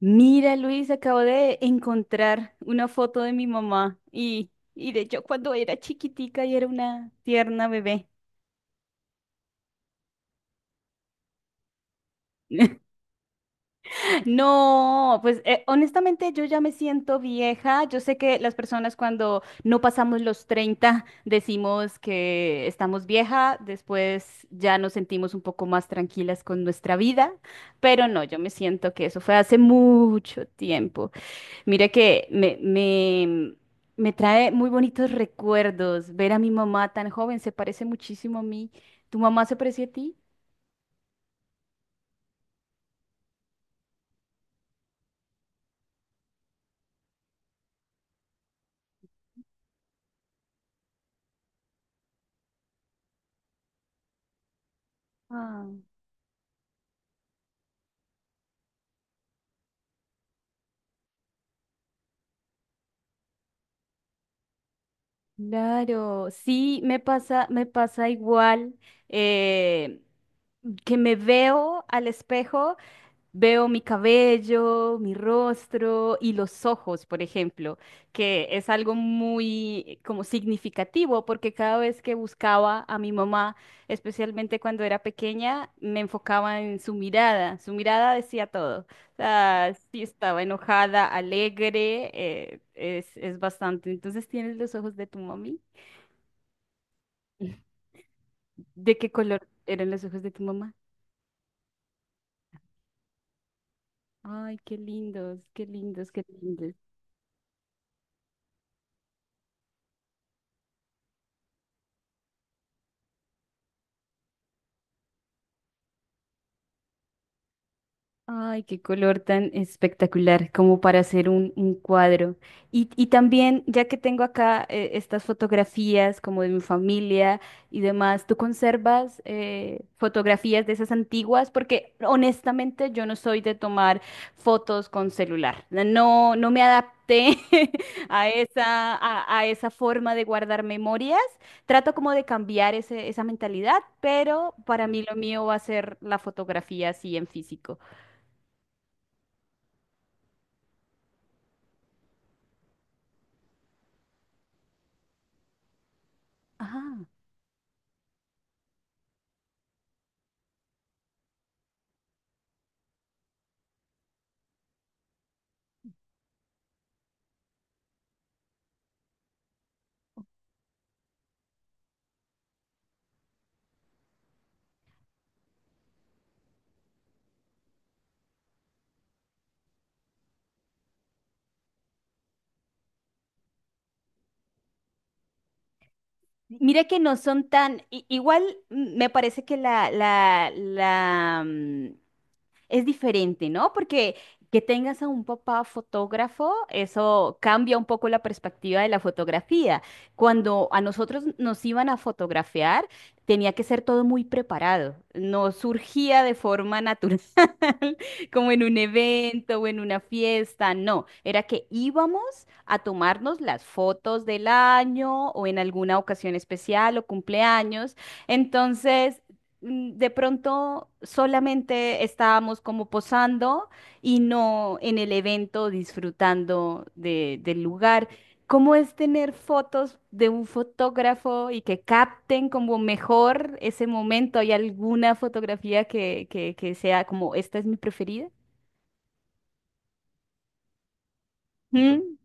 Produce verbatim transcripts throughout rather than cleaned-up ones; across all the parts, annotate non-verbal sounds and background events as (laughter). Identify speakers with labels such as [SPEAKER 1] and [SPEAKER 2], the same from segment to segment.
[SPEAKER 1] Mira, Luis, acabo de encontrar una foto de mi mamá y, y de yo cuando era chiquitica y era una tierna bebé. (laughs) No, pues eh, honestamente yo ya me siento vieja. Yo sé que las personas cuando no pasamos los treinta decimos que estamos vieja, después ya nos sentimos un poco más tranquilas con nuestra vida, pero no, yo me siento que eso fue hace mucho tiempo. Mire que me, me, me trae muy bonitos recuerdos ver a mi mamá tan joven, se parece muchísimo a mí. ¿Tu mamá se parecía a ti? Claro, sí, me pasa, me pasa igual eh, que me veo al espejo. Veo mi cabello, mi rostro y los ojos, por ejemplo, que es algo muy como significativo porque cada vez que buscaba a mi mamá, especialmente cuando era pequeña, me enfocaba en su mirada. Su mirada decía todo. O sea, si estaba enojada, alegre, eh, es, es bastante. Entonces, ¿tienes los ojos de tu mami? (laughs) ¿De qué color eran los ojos de tu mamá? Ay, qué lindos, qué lindos, qué lindos. Ay, qué color tan espectacular, como para hacer un, un cuadro. Y, y también, ya que tengo acá eh, estas fotografías como de mi familia y demás, ¿tú conservas eh, fotografías de esas antiguas? Porque honestamente yo no soy de tomar fotos con celular. No, no me adapté (laughs) a esa, a, a esa forma de guardar memorias. Trato como de cambiar ese- esa mentalidad, pero para mí lo mío va a ser la fotografía así en físico. Ajá. Mira que no son tan, i- igual mm, me parece que la, la, la, mm, es diferente, ¿no? Porque que tengas a un papá fotógrafo, eso cambia un poco la perspectiva de la fotografía. Cuando a nosotros nos iban a fotografiar, tenía que ser todo muy preparado, no surgía de forma natural, (laughs) como en un evento o en una fiesta, no, era que íbamos a tomarnos las fotos del año o en alguna ocasión especial o cumpleaños. Entonces, mm, de pronto solamente estábamos como posando y no en el evento disfrutando de- del lugar. ¿Cómo es tener fotos de un fotógrafo y que capten como mejor ese momento? ¿Hay alguna fotografía que, que, que sea como esta es mi preferida? Mm,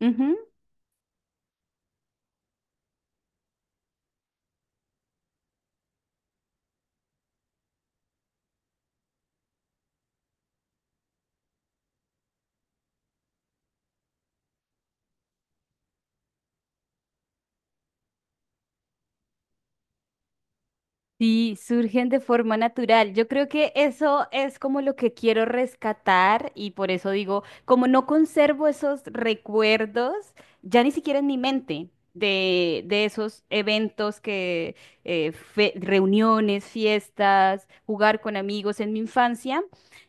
[SPEAKER 1] Sí. Sí, surgen de forma natural. Yo creo que eso es como lo que quiero rescatar y por eso digo, como no conservo esos recuerdos, ya ni siquiera en mi mente de, de esos eventos que, eh, fe- reuniones, fiestas, jugar con amigos en mi infancia.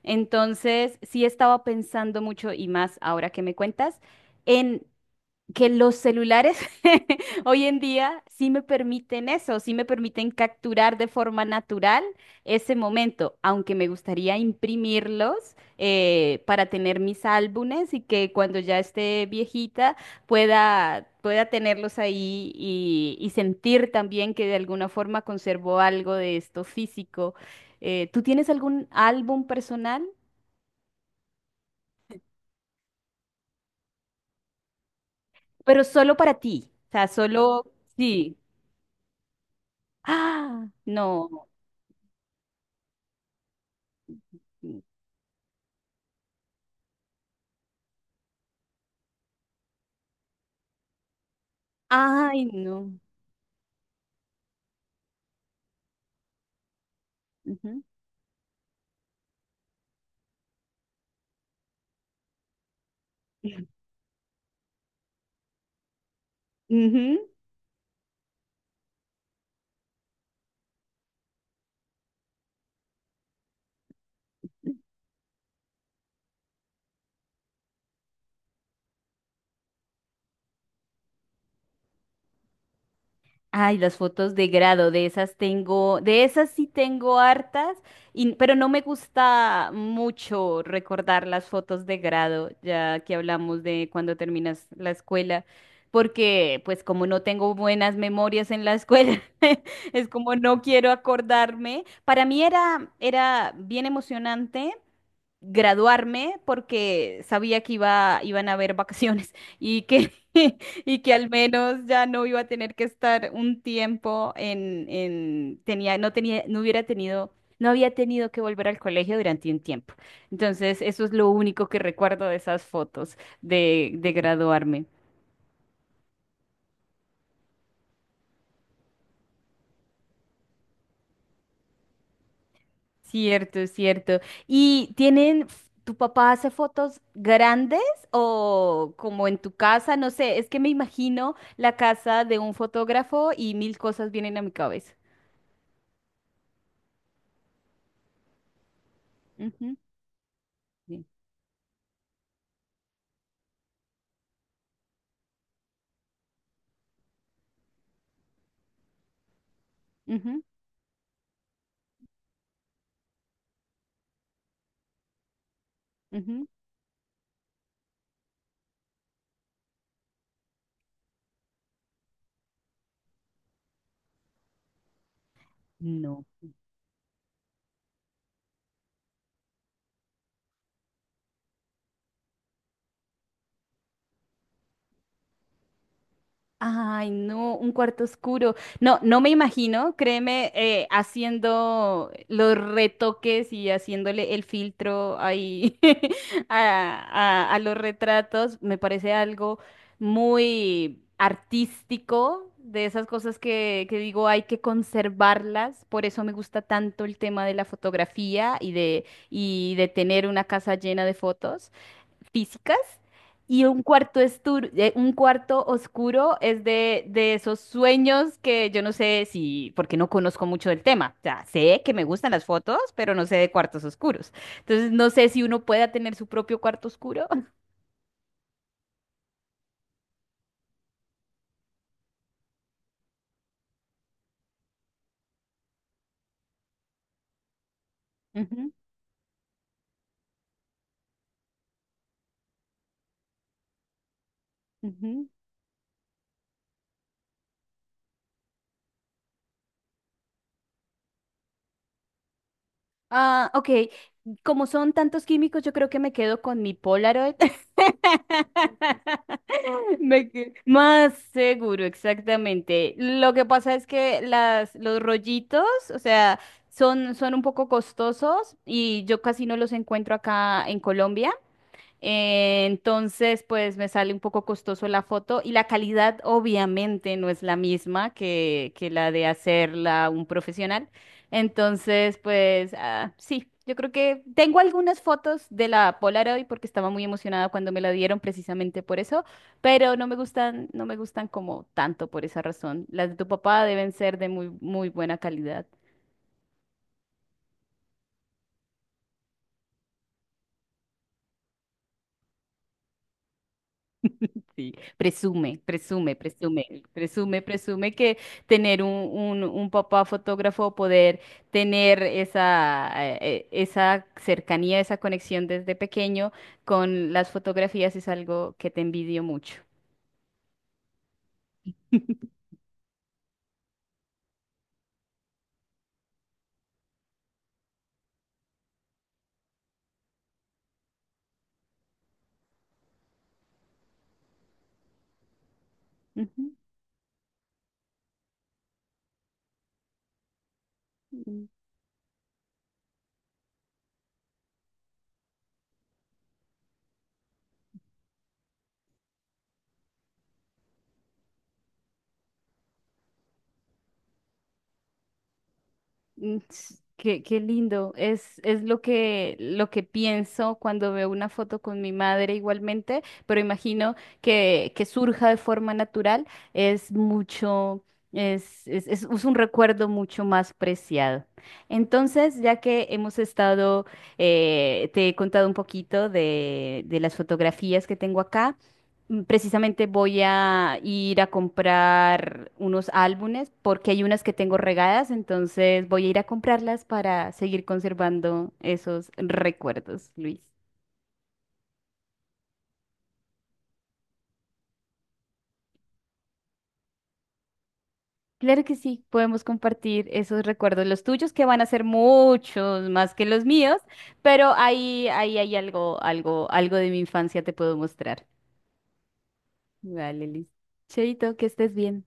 [SPEAKER 1] Entonces, sí estaba pensando mucho y más ahora que me cuentas. En que los celulares (laughs) hoy en día sí me permiten eso, sí me permiten capturar de forma natural ese momento, aunque me gustaría imprimirlos eh, para tener mis álbumes y que cuando ya esté viejita pueda, pueda tenerlos ahí y, y sentir también que de alguna forma conservo algo de esto físico. Eh, ¿tú tienes algún álbum personal? Pero solo para ti, o sea, solo... Sí. Ah, no. Ay, no. Ujú. Ujú. Ay, las fotos de grado, de esas tengo, de esas sí tengo hartas, y- pero no me gusta mucho recordar las fotos de grado, ya que hablamos de cuando terminas la escuela, porque pues como no tengo buenas memorias en la escuela, (laughs) es como no quiero acordarme. Para mí era, era bien emocionante graduarme porque sabía que iba, iban a haber vacaciones y que, (laughs) y que al menos ya no iba a tener que estar un tiempo en, en tenía, no tenía, no hubiera tenido, no había tenido que volver al colegio durante un tiempo. Entonces, eso es lo único que recuerdo de esas fotos de, de graduarme. Cierto, cierto. ¿Y tienen, f- tu papá hace fotos grandes o como en tu casa? No sé, es que me imagino la casa de un fotógrafo y mil cosas vienen a mi cabeza. Ujú, sí, ujú, ujú. No. Ay, no, un cuarto oscuro. No, no me imagino, créeme, eh, haciendo los retoques y haciéndole el filtro ahí (laughs) a, a- a los retratos. Me parece algo muy artístico, de esas cosas que, que digo hay que conservarlas. Por eso me gusta tanto el tema de la fotografía y de, y de tener una casa llena de fotos físicas y un cuarto, estur- eh, un cuarto oscuro es de, de esos sueños que yo no sé si, porque no conozco mucho del tema. O sea, sé que me gustan las fotos, pero no sé de cuartos oscuros. Entonces, no sé si uno pueda tener su propio cuarto oscuro. (laughs) Ujú, ujú. Ah, ok. Como son tantos químicos, yo creo que me quedo con mi Polaroid. (laughs) (laughs) Me que- Más seguro, exactamente. Lo que pasa es que las, los rollitos, o sea, son, son un poco costosos y yo casi no los encuentro acá en Colombia. Eh, entonces, pues me sale un poco costoso la foto y la calidad obviamente no es la misma que, que la de hacerla un profesional. Entonces, pues ah, sí, yo creo que tengo algunas fotos de la Polaroid porque estaba muy emocionada cuando me la dieron precisamente por eso, pero no me gustan, no me gustan como tanto por esa razón. Las de tu papá deben ser de muy, muy buena calidad. Sí, presume, presume, presume, presume, presume que tener un, un, un papá fotógrafo, poder tener esa, eh, eh, esa cercanía, esa conexión desde pequeño con las fotografías es algo que te envidio mucho. Ujú. Mm, ts- Qué, qué lindo. Es, es lo que, lo que pienso cuando veo una foto con mi madre igualmente, pero imagino que, que surja de forma natural. Es mucho, es, es, es es un recuerdo mucho más preciado. Entonces, ya que hemos estado, eh, te he contado un poquito de, de las fotografías que tengo acá. Mm, Precisamente voy a ir a comprar unos álbumes porque hay unas que tengo regadas, entonces voy a ir a comprarlas para seguir conservando esos recuerdos, Luis. Claro que sí, podemos compartir esos recuerdos, los tuyos que van a ser muchos más que los míos, pero ahí, ahí hay algo, algo, algo de mi infancia te puedo mostrar. Vale, Luis. Cheito, que estés bien.